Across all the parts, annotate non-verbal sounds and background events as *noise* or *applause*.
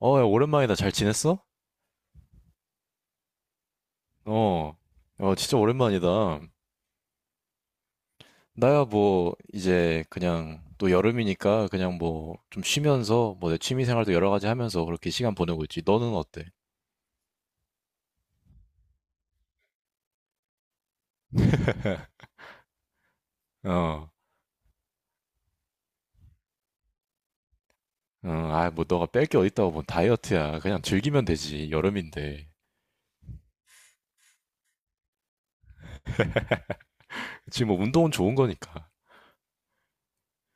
야, 오랜만이다. 잘 지냈어? 어, 진짜 오랜만이다. 나야 뭐, 이제 그냥 또 여름이니까 그냥 뭐 좀 쉬면서 뭐 내 취미 생활도 여러 가지 하면서 그렇게 시간 보내고 있지. 너는 어때? *laughs* 어, 아, 뭐 너가 뺄 게 어딨다고 뭐 다이어트야. 그냥 즐기면 되지. 여름인데. 지금 뭐 운동은 좋은 거니까.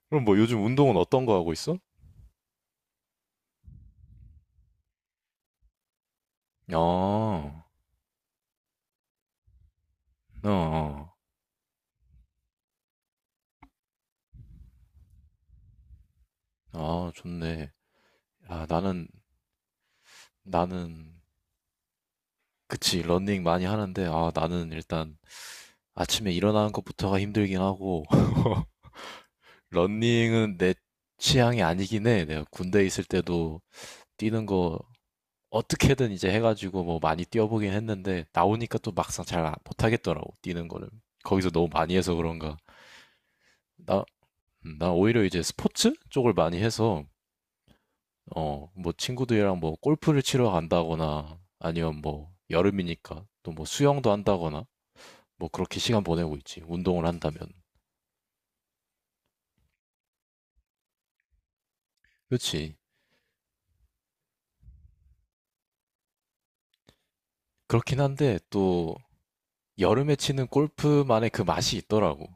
그럼 뭐 요즘 운동은 어떤 거 하고 있어? 어, 어, 어, 아, 좋네. 아, 나는, 그치, 러닝 많이 하는데, 아, 나는 일단 아침에 일어나는 것부터가 힘들긴 하고, *laughs* 러닝은 내 취향이 아니긴 해. 내가 군대 있을 때도 뛰는 거 어떻게든 이제 해가지고 뭐 많이 뛰어보긴 했는데, 나오니까 또 막상 잘 못하겠더라고, 뛰는 거를. 거기서 너무 많이 해서 그런가. 나, 나 오히려 이제 스포츠 쪽을 많이 해서, 어, 뭐 친구들이랑 뭐 골프를 치러 간다거나, 아니면 뭐 여름이니까 또 뭐 수영도 한다거나, 뭐 그렇게 시간 보내고 있지. 운동을 한다면. 그렇지. 그렇긴 한데 또 여름에 치는 골프만의 그 맛이 있더라고.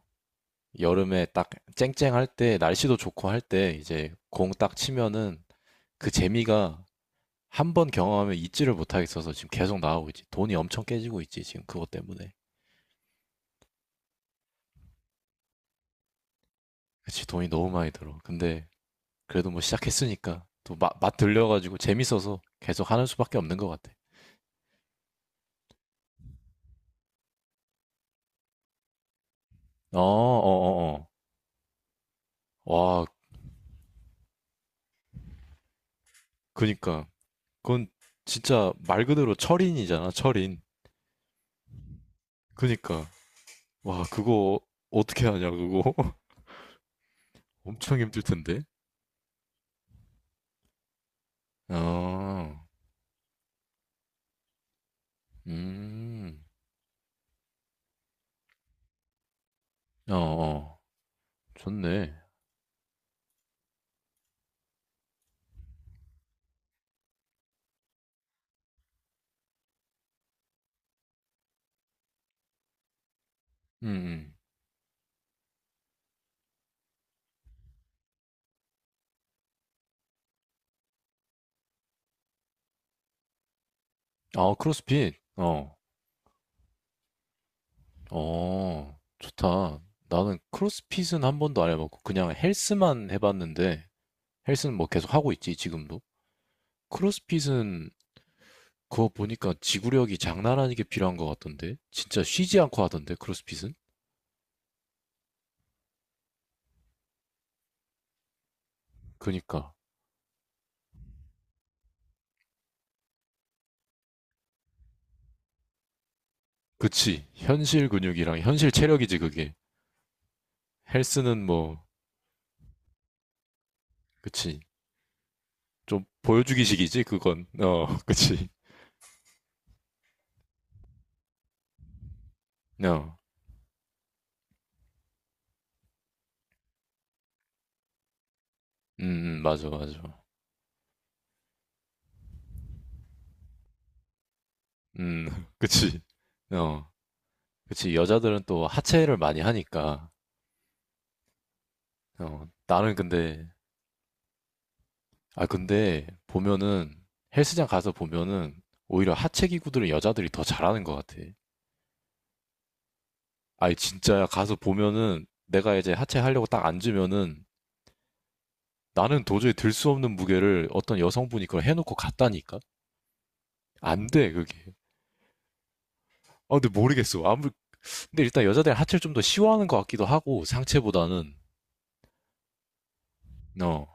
여름에 딱 쨍쨍할 때, 날씨도 좋고 할 때, 이제 공 딱 치면은 그 재미가 한 번 경험하면 잊지를 못하겠어서 지금 계속 나오고 있지. 돈이 엄청 깨지고 있지, 지금 그것 때문에. 그치, 돈이 너무 많이 들어. 근데 그래도 뭐 시작했으니까 또 맛 들려가지고 재밌어서 계속 하는 수밖에 없는 것 같아. 어, 어, 어, 어. 와, 그니까. 그건 진짜 말 그대로 철인이잖아, 철인. 그니까. 와, 그거 어떻게 하냐, 그거? *laughs* 엄청 힘들 텐데. 아, 음, 어, 어, 좋네. 음, 음. 아, 크로스핏. 어, 어, 좋다. 나는 크로스핏은 한 번도 안 해봤고, 그냥 헬스만 해봤는데, 헬스는 뭐 계속 하고 있지, 지금도. 크로스핏은 그거 보니까 지구력이 장난 아니게 필요한 것 같던데? 진짜 쉬지 않고 하던데, 크로스핏은? 그니까. 그치. 현실 근육이랑 현실 체력이지, 그게. 헬스는 뭐, 그치. 좀 보여주기식이지, 그건. 어, *laughs* 그치. 어, 음, 맞아, 맞아. 음, *laughs* 그치. 어, 그치. 여자들은 또 하체를 많이 하니까. 어, 나는 근데, 아, 근데 보면은 헬스장 가서 보면은 오히려 하체 기구들은 여자들이 더 잘하는 것 같아. 아니, 진짜야. 가서 보면은 내가 이제 하체 하려고 딱 앉으면은 나는 도저히 들 수 없는 무게를 어떤 여성분이 그걸 해놓고 갔다니까? 안 돼, 그게. 아, 근데 모르겠어. 아무 근데 일단 여자들은 하체를 좀 더 시원한 것 같기도 하고 상체보다는 어,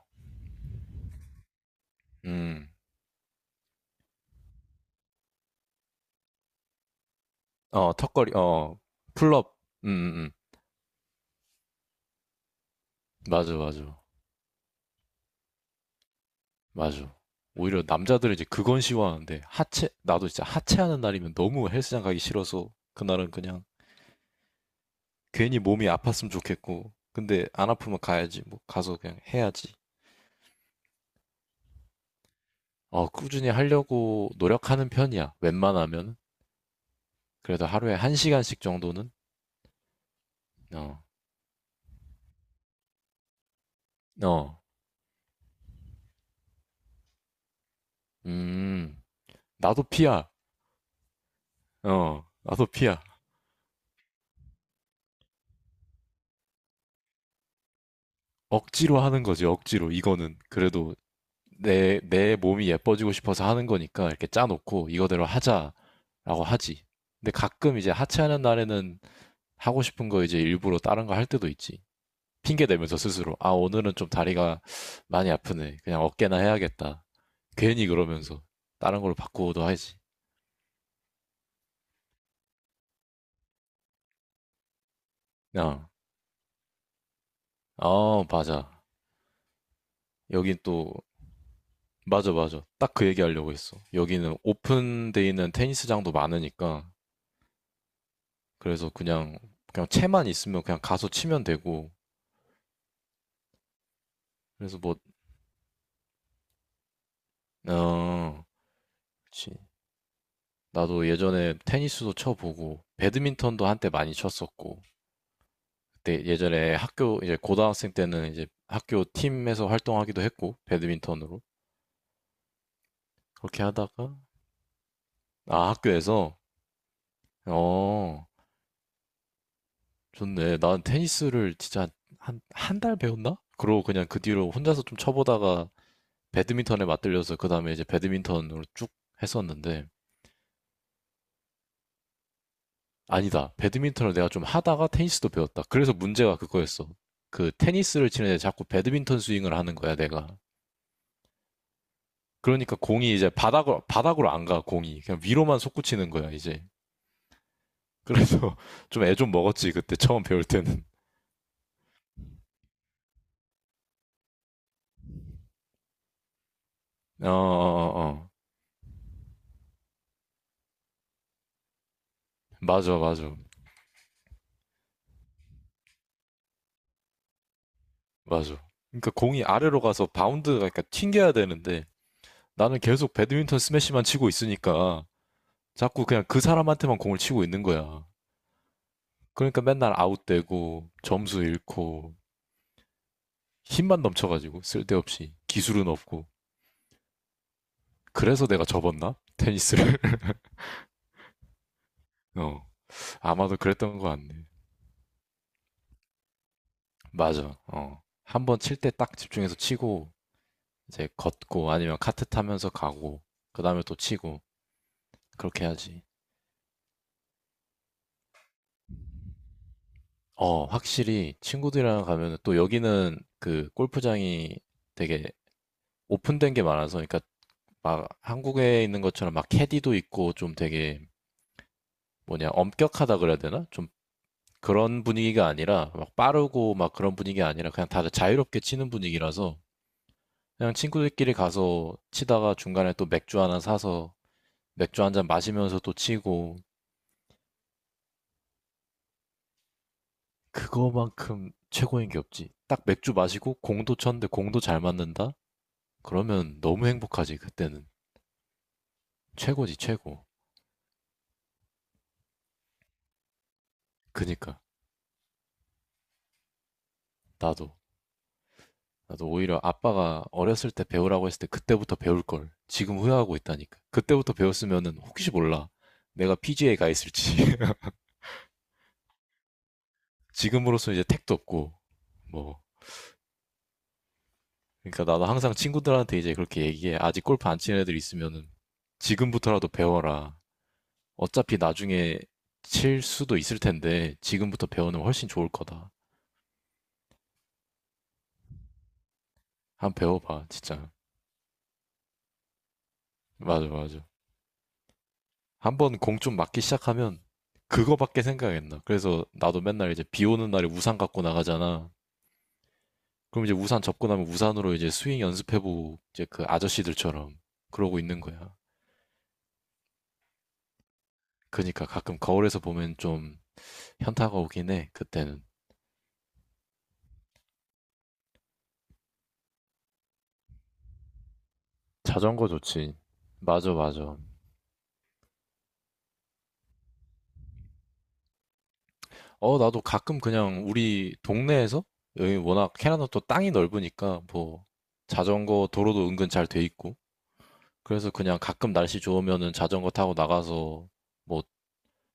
음, 어 턱걸이, 어 풀업, 음, 음, 음. 맞아, 맞아, 맞아. 오히려 남자들은 이제 그건 시하는데 하체, 나도 진짜 하체하는 날이면 너무 헬스장 가기 싫어서 그날은 그냥 괜히 몸이 아팠으면 좋겠고, 근데 안 아프면 가야지, 뭐 가서 그냥 해야지. 어 꾸준히 하려고 노력하는 편이야. 웬만하면 그래도 하루에 한 시간씩 정도는 어, 어, 음, 나도 피야. 어, 아토피야. 억지로 하는 거지, 억지로. 이거는. 그래도 내 몸이 예뻐지고 싶어서 하는 거니까 이렇게 짜놓고 이거대로 하자라고 하지. 근데 가끔 이제 하체하는 날에는 하고 싶은 거 이제 일부러 다른 거 할 때도 있지. 핑계 대면서 스스로. 아, 오늘은 좀 다리가 많이 아프네. 그냥 어깨나 해야겠다. 괜히 그러면서 다른 걸로 바꾸어도 하지. 어, 어, 맞아. 여긴 또 맞아, 맞아. 딱 그 얘기 하려고 했어. 여기는 오픈돼 있는 테니스장도 많으니까. 그래서 그냥 채만 있으면 그냥 가서 치면 되고. 그래서 뭐, 어, 그치. 나도 예전에 테니스도 쳐보고, 배드민턴도 한때 많이 쳤었고. 그때 예전에 학교, 이제 고등학생 때는 이제 학교 팀에서 활동하기도 했고, 배드민턴으로. 그렇게 하다가, 아, 학교에서, 어, 좋네. 난 테니스를 진짜 한, 한 달 배웠나? 그러고 그냥 그 뒤로 혼자서 좀 쳐보다가 배드민턴에 맞들려서 그 다음에 이제 배드민턴으로 쭉 했었는데 아니다. 배드민턴을 내가 좀 하다가 테니스도 배웠다. 그래서 문제가 그거였어. 그 테니스를 치는데 자꾸 배드민턴 스윙을 하는 거야, 내가. 그러니까 공이 이제 바닥으로 바닥으로 안 가, 공이. 그냥 위로만 솟구치는 거야, 이제. 그래서 *laughs* 좀 애 좀 먹었지, 그때 처음 배울 때는. 어, 어, 어. 어. 맞아, 맞아. 맞아. 그러니까 공이 아래로 가서 바운드가 그러니까 튕겨야 되는데 나는 계속 배드민턴 스매시만 치고 있으니까 자꾸 그냥 그 사람한테만 공을 치고 있는 거야. 그러니까 맨날 아웃되고 점수 잃고 힘만 넘쳐가지고 쓸데없이 기술은 없고 그래서 내가 접었나? 테니스를? *laughs* 어 아마도 그랬던 거 같네. 맞아. 어 한번 칠 때 딱 집중해서 치고 이제 걷고 아니면 카트 타면서 가고 그 다음에 또 치고 그렇게 해야지. 어 확실히 친구들이랑 가면은 또 여기는 그 골프장이 되게 오픈된 게 많아서 그러니까 막 한국에 있는 것처럼 막 캐디도 있고 좀 되게 뭐냐 엄격하다 그래야 되나? 좀 그런 분위기가 아니라 막 빠르고 막 그런 분위기가 아니라 그냥 다들 자유롭게 치는 분위기라서 그냥 친구들끼리 가서 치다가 중간에 또 맥주 하나 사서 맥주 한 잔 마시면서 또 치고 그거만큼 최고인 게 없지. 딱 맥주 마시고 공도 쳤는데 공도 잘 맞는다? 그러면 너무 행복하지 그때는 최고지 최고. 그니까 나도. 나도 오히려 아빠가 어렸을 때 배우라고 했을 때 그때부터 배울 걸 지금 후회하고 있다니까. 그때부터 배웠으면은 혹시 몰라. 내가 PGA 가 있을지. *laughs* 지금으로서 이제 택도 없고 뭐. 그러니까 나도 항상 친구들한테 이제 그렇게 얘기해. 아직 골프 안 치는 애들 있으면은 지금부터라도 배워라. 어차피 나중에 칠 수도 있을 텐데 지금부터 배우면 훨씬 좋을 거다. 한번 배워봐, 진짜. 맞아, 맞아. 한 번 공 좀 맞기 시작하면 그거밖에 생각 안 나. 그래서 나도 맨날 이제 비 오는 날에 우산 갖고 나가잖아. 그럼 이제 우산 접고 나면 우산으로 이제 스윙 연습해보고 이제 그 아저씨들처럼 그러고 있는 거야. 그러니까 가끔 거울에서 보면 좀 현타가 오긴 해. 그때는. 자전거 좋지. 맞아, 맞아. 어, 나도 가끔 그냥 우리 동네에서 여기 워낙 캐나다 또 땅이 넓으니까 뭐 자전거 도로도 은근 잘 돼 있고 그래서 그냥 가끔 날씨 좋으면은 자전거 타고 나가서 뭐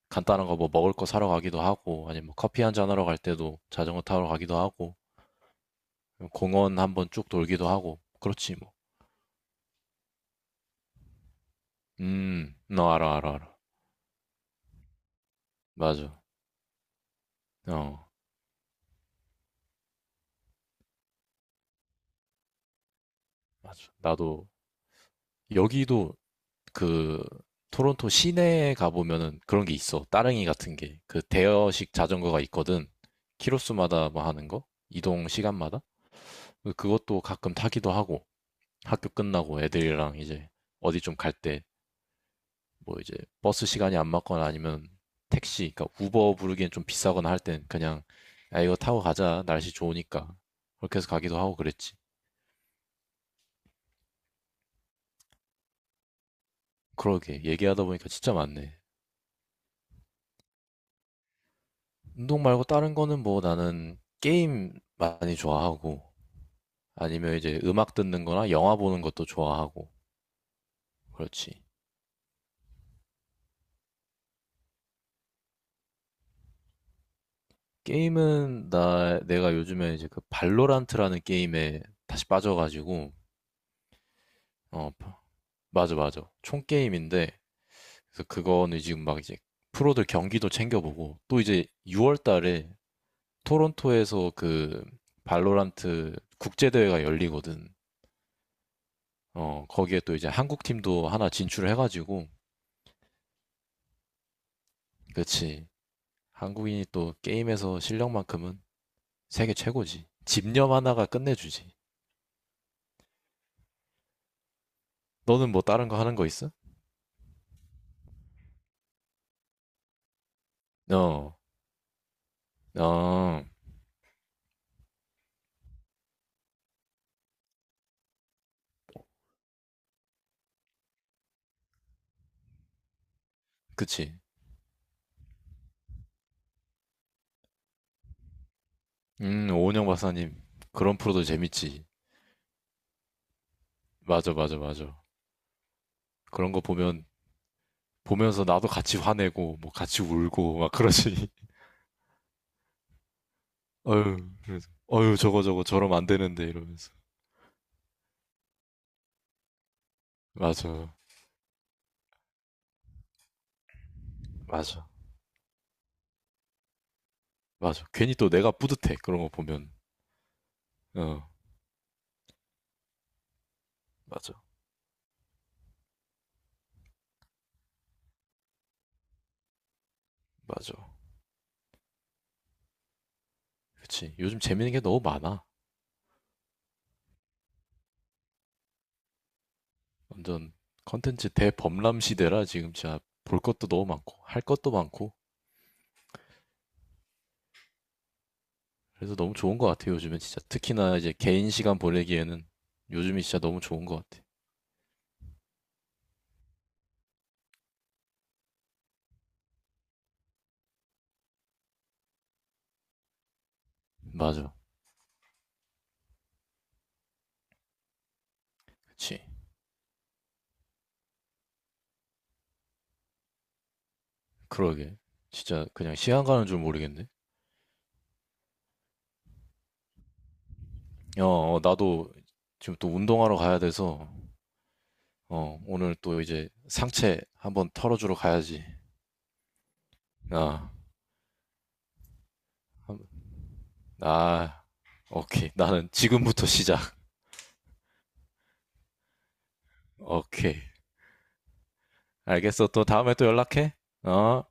간단한 거 뭐 먹을 거 사러 가기도 하고, 아니면 뭐 커피 한 잔 하러 갈 때도 자전거 타러 가기도 하고, 공원 한번 쭉 돌기도 하고, 그렇지 뭐. 너 알아, 알아, 알아. 맞아. 어, 맞아. 나도 여기도 그 토론토 시내에 가보면은 그런 게 있어. 따릉이 같은 게. 그 대여식 자전거가 있거든. 키로수마다 뭐 하는 거? 이동 시간마다? 그것도 가끔 타기도 하고, 학교 끝나고 애들이랑 이제 어디 좀갈때 뭐 이제 버스 시간이 안 맞거나 아니면 택시, 그러니까 우버 부르기엔 좀 비싸거나 할 땐 그냥 야 이거 타고 가자 날씨 좋으니까 그렇게 해서 가기도 하고 그랬지. 그러게 얘기하다 보니까 진짜 많네. 운동 말고 다른 거는 뭐 나는 게임 많이 좋아하고 아니면 이제 음악 듣는 거나 영화 보는 것도 좋아하고 그렇지. 게임은 나 내가 요즘에 이제 그 발로란트라는 게임에 다시 빠져가지고 어 맞아 맞아 총 게임인데 그래서 그거는 지금 막 이제 프로들 경기도 챙겨보고 또 이제 6월 달에 토론토에서 그 발로란트 국제대회가 열리거든. 어, 거기에 또 이제 한국 팀도 하나 진출을 해가지고 그치. 한국인이 또 게임에서 실력만큼은 세계 최고지. 집념 하나가 끝내주지. 너는 뭐 다른 거 하는 거 있어? 어, 어, 그치. 오은영 박사님, 그런 프로도 재밌지. 맞아, 맞아, 맞아. 그런 거 보면 보면서 나도 같이 화내고 뭐 같이 울고 막 그러시니 *laughs* 어휴 그래서 어휴 저거 저거 저러면 안 되는데 이러면서 맞아 맞아 맞아 괜히 또 내가 뿌듯해 그런 거 보면 어 맞아 맞아 그치 요즘 재밌는 게 너무 많아 완전 컨텐츠 대범람 시대라 지금 진짜 볼 것도 너무 많고 할 것도 많고 그래서 너무 좋은 것 같아요 요즘은 진짜 특히나 이제 개인 시간 보내기에는 요즘이 진짜 너무 좋은 것 같아 맞아 그치 그러게 진짜 그냥 시간 가는 줄 모르겠네 어, 어, 나도 지금 또 운동하러 가야 돼서, 어, 오늘 또 이제 상체 한번 털어주러 가야지. 아, 한- 아, 오케이. 나는 지금부터 시작. 오케이. 알겠어. 또 다음에 또 연락해. 어.